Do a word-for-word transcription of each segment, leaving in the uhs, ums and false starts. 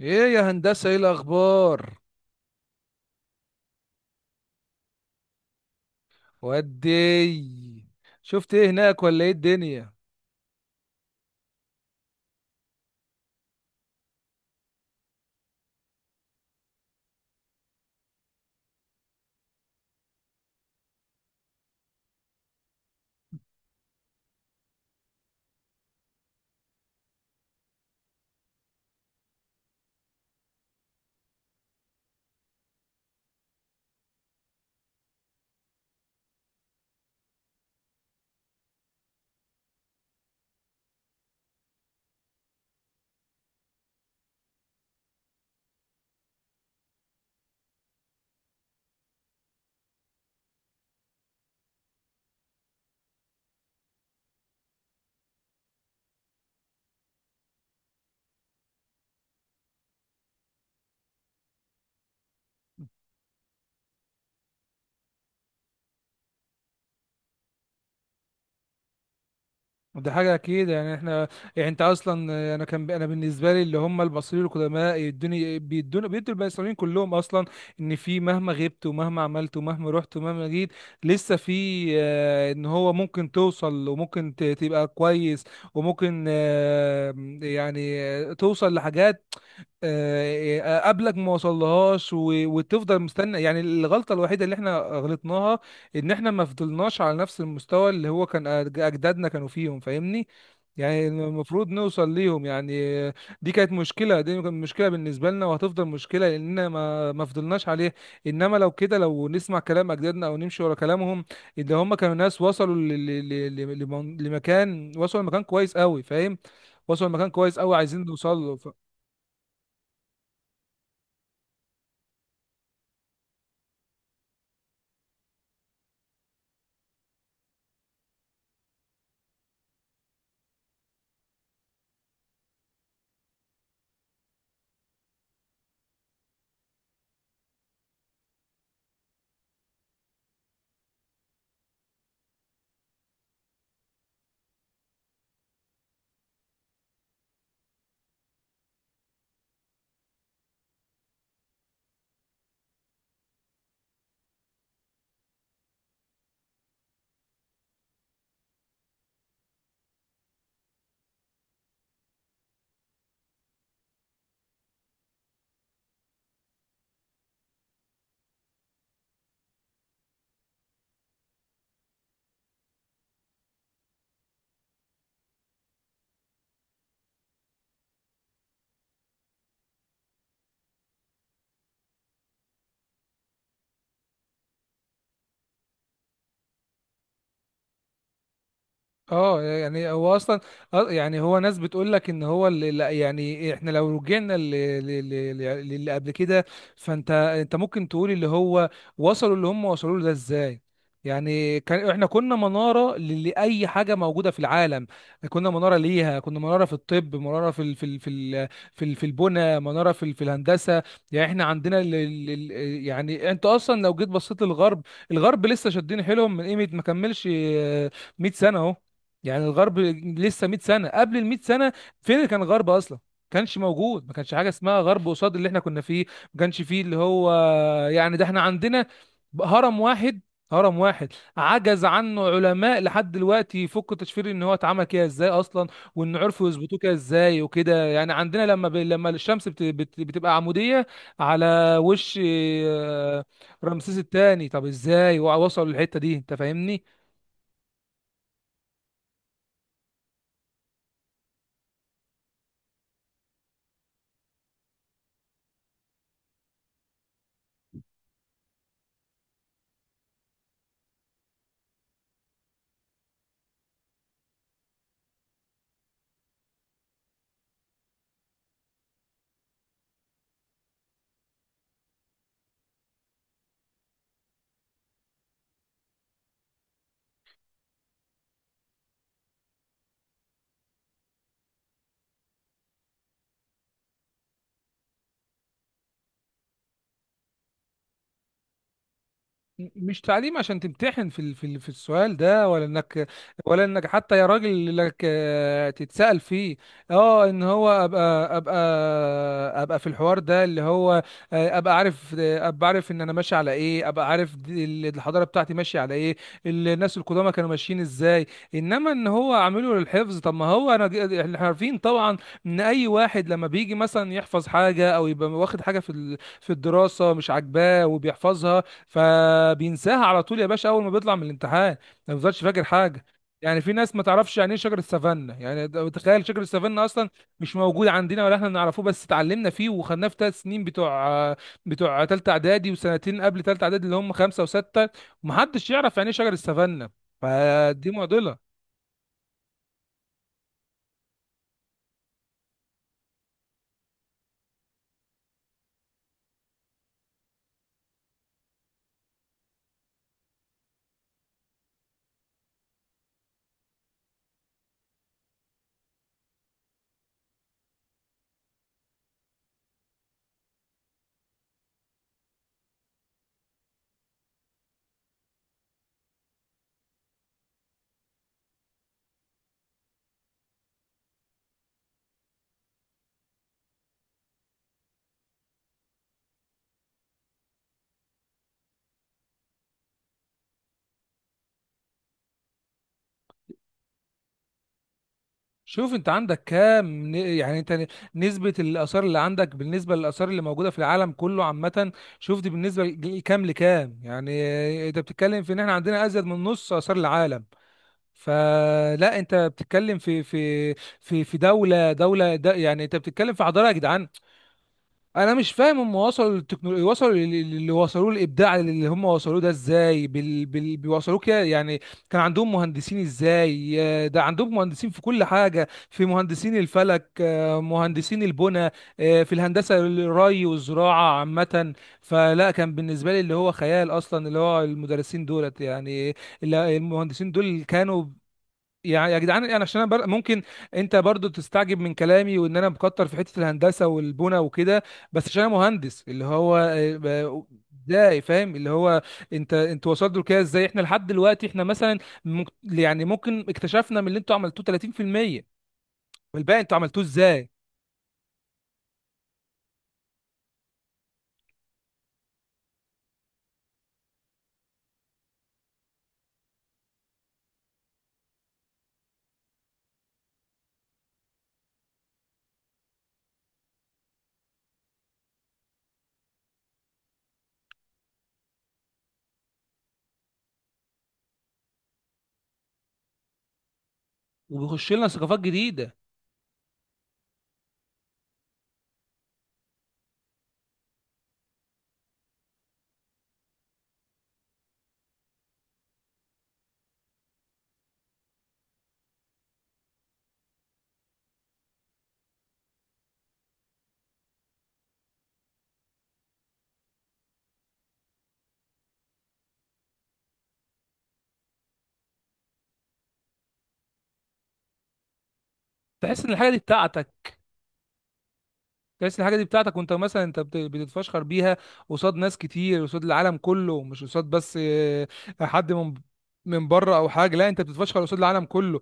ايه يا هندسة؟ ايه الاخبار؟ ودي شفت ايه هناك ولا ايه الدنيا؟ ده حاجة اكيد. يعني احنا، يعني انت اصلا، انا كان انا بالنسبة لي اللي هم المصريين القدماء يدوني بيدوني بيدوا المصريين كلهم اصلا ان في مهما غبت ومهما عملت ومهما رحت ومهما جيت لسه في آه، ان هو ممكن توصل وممكن ت- تبقى كويس، وممكن آه، يعني آه، توصل لحاجات آه، قبلك ما وصلهاش و- وتفضل مستني. يعني الغلطة الوحيدة اللي احنا غلطناها ان احنا ما فضلناش على نفس المستوى اللي هو كان أج- اجدادنا كانوا فيهم، فاهمني؟ يعني المفروض نوصل ليهم يعني. آه، دي كانت مشكلة، دي كانت مشكلة بالنسبة لنا وهتفضل مشكلة لاننا ما ما فضلناش عليه. انما لو كده لو نسمع كلام اجدادنا او نمشي ورا كلامهم، اللي هم كانوا ناس وصلوا ل- ل- ل- ل- لمن- لمكان، وصلوا لمكان كويس قوي، فاهم؟ وصلوا لمكان كويس قوي عايزين نوصل له. اه يعني هو اصلا آه، يعني هو ناس بتقول لك ان هو اللي لا، يعني احنا لو رجعنا ل- ل- ل- ل- للي قبل كده، فانت انت ممكن تقول اللي هو وصلوا، اللي هم وصلوا له ده ازاي؟ يعني كان احنا كنا منارة ل- لأي حاجة موجودة في العالم. كنا منارة ليها، كنا منارة في الطب، منارة في ال في ال في ال في, ال في البنى، منارة في ال في الهندسة. يعني احنا عندنا ال ال ال يعني انت اصلا لو جيت بصيت للغرب، الغرب لسه شادين حيلهم من قيمة ما كملش آه، مية سنة اهو. يعني الغرب لسه مية سنه، قبل ال مية سنه فين اللي كان غرب اصلا؟ كانش موجود، ما كانش حاجه اسمها غرب قصاد اللي احنا كنا فيه. ما كانش فيه اللي هو، يعني ده احنا عندنا هرم واحد، هرم واحد عجز عنه علماء لحد دلوقتي يفكوا تشفير ان هو اتعمل كده ازاي اصلا، وان عرفوا يثبتوه كده ازاي وكده. يعني عندنا لما ب... لما الشمس بت... بت... بتبقى عموديه على وش آه، رمسيس الثاني، طب ازاي وصلوا للحته دي؟ انت فاهمني؟ مش تعليم عشان تمتحن في ال- في ال- في السؤال ده، ولا انك، ولا انك حتى يا راجل لك آه، تتسأل فيه. اه ان هو ابقى ابقى ابقى في الحوار ده اللي هو آه، ابقى عارف، آه، ابقى عارف ان انا ماشي على ايه، ابقى عارف دي- ال- الحضارة بتاعتي ماشية على ايه، الناس القدامى كانوا ماشيين ازاي. انما ان هو عامله للحفظ، طب ما هو انا ج- احنا عارفين طبعا ان اي واحد لما بيجي مثلا يحفظ حاجة او يبقى واخد حاجة في ال- في الدراسة مش عاجباه وبيحفظها، فبينساها على طول يا باشا اول ما بيطلع من الامتحان، ما بيفضلش فاكر حاجه. يعني في ناس ما تعرفش يعني ايه شجر السافانا، يعني ده- تخيل شجر السافانا اصلا مش موجود عندنا ولا احنا نعرفه، بس اتعلمنا فيه وخدناه في ثلاث سنين بتوع بتوع ثالثه اعدادي، وسنتين قبل ثالثه اعدادي اللي هم خمسه وسته، ومحدش يعرف يعني ايه شجر السافانا. فدي معضله. شوف انت عندك كام ن- يعني انت ن- نسبة الآثار اللي عندك بالنسبة للآثار اللي موجودة في العالم كله عامة؟ شوف دي بالنسبة لج- لكام لكام، يعني اه، انت بتتكلم في ان احنا عندنا ازيد من نص آثار العالم. فلا انت بتتكلم في في في في دولة، دولة د- يعني انت بتتكلم في حضارة يا جدعان. انا مش فاهم هم وصلوا للتكنولوجيا، وصلوا لل- اللي وصلوه، الابداع اللي هم وصلوه ده ازاي بال... بال... بيوصلوه كده يعني؟ كان عندهم مهندسين ازاي؟ آه، ده عندهم مهندسين في كل حاجه، في مهندسين الفلك، آه، مهندسين البنى، آه، في الهندسه الري والزراعه عامه. فلا كان بالنسبه لي اللي هو خيال اصلا، اللي هو المدرسين دولت يعني، ال- المهندسين دول كانوا، يعني يا جدعان انا عشان انا بر... ممكن انت برضو تستعجب من كلامي وان انا مكتر في حته الهندسه والبنى وكده، بس عشان انا مهندس اللي هو آه، ب- ازاي، فاهم اللي هو انت انتوا وصلتوا لكده ازاي؟ احنا لحد دلوقتي احنا مثلا مك... يعني ممكن اكتشفنا من اللي انتوا عملتوه تلاتين في المية، والباقي انتوا عملتوه ازاي؟ وبيخش لنا ثقافات جديده. تحس ان الحاجه دي بتاعتك، تحس الحاجه دي بتاعتك وانت مثلا انت بت- بتتفشخر بيها قصاد ناس كتير، قصاد العالم كله، مش قصاد بس آه، حد من من بره او حاجه، لا انت بتتفشخر قصاد العالم كله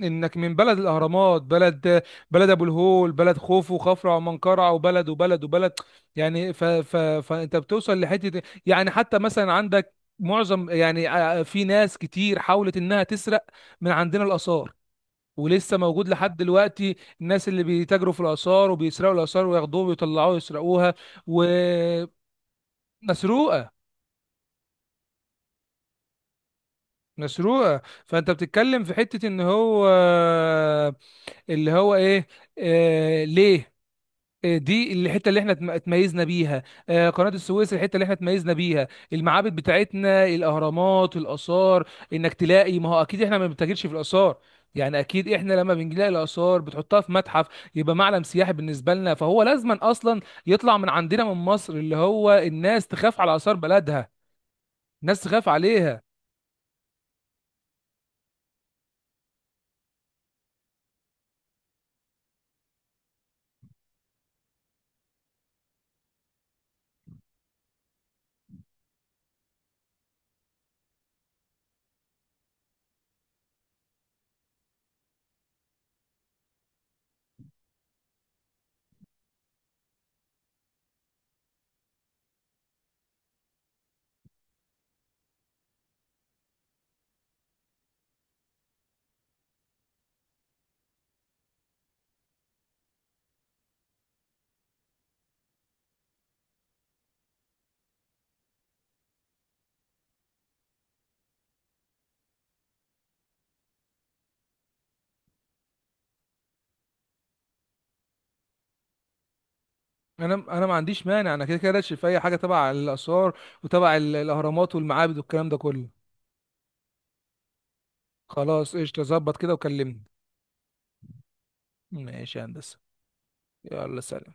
انك من بلد الاهرامات، بلد، بلد ابو الهول، بلد خوفو وخفرع ومنقرع، وبلد وبلد وبلد. يعني ف ف فانت بتوصل لحته يعني، حتى مثلا عندك معظم يعني آه، في ناس كتير حاولت انها تسرق من عندنا الاثار، ولسه موجود لحد دلوقتي الناس اللي بيتاجروا في الآثار وبيسرقوا الآثار وياخدوها ويطلعوها ويسرقوها. ومسروقة، مسروقة. فأنت بتتكلم في حتة إن هو اللي هو إيه، آه... ليه؟ آه، دي الحته اللي احنا اتم- اتميزنا بيها، آه، قناه السويس الحته اللي احنا اتميزنا بيها، المعابد بتاعتنا، الاهرامات، الاثار. انك تلاقي، ما هو اكيد احنا ما بنتاجرش في الاثار، يعني اكيد احنا لما بنلاقي الاثار بتحطها في متحف، يبقى معلم سياحي بالنسبه لنا. فهو لازما اصلا يطلع من عندنا، من مصر، اللي هو الناس تخاف على اثار بلدها، الناس تخاف عليها. انا انا ما عنديش مانع، انا كده كده راشد في اي حاجه تبع الاثار وتبع ال- الاهرامات والمعابد والكلام ده كله. خلاص قشطه، ظبط كده وكلمني. ماشي يا هندسة، يلا سلام.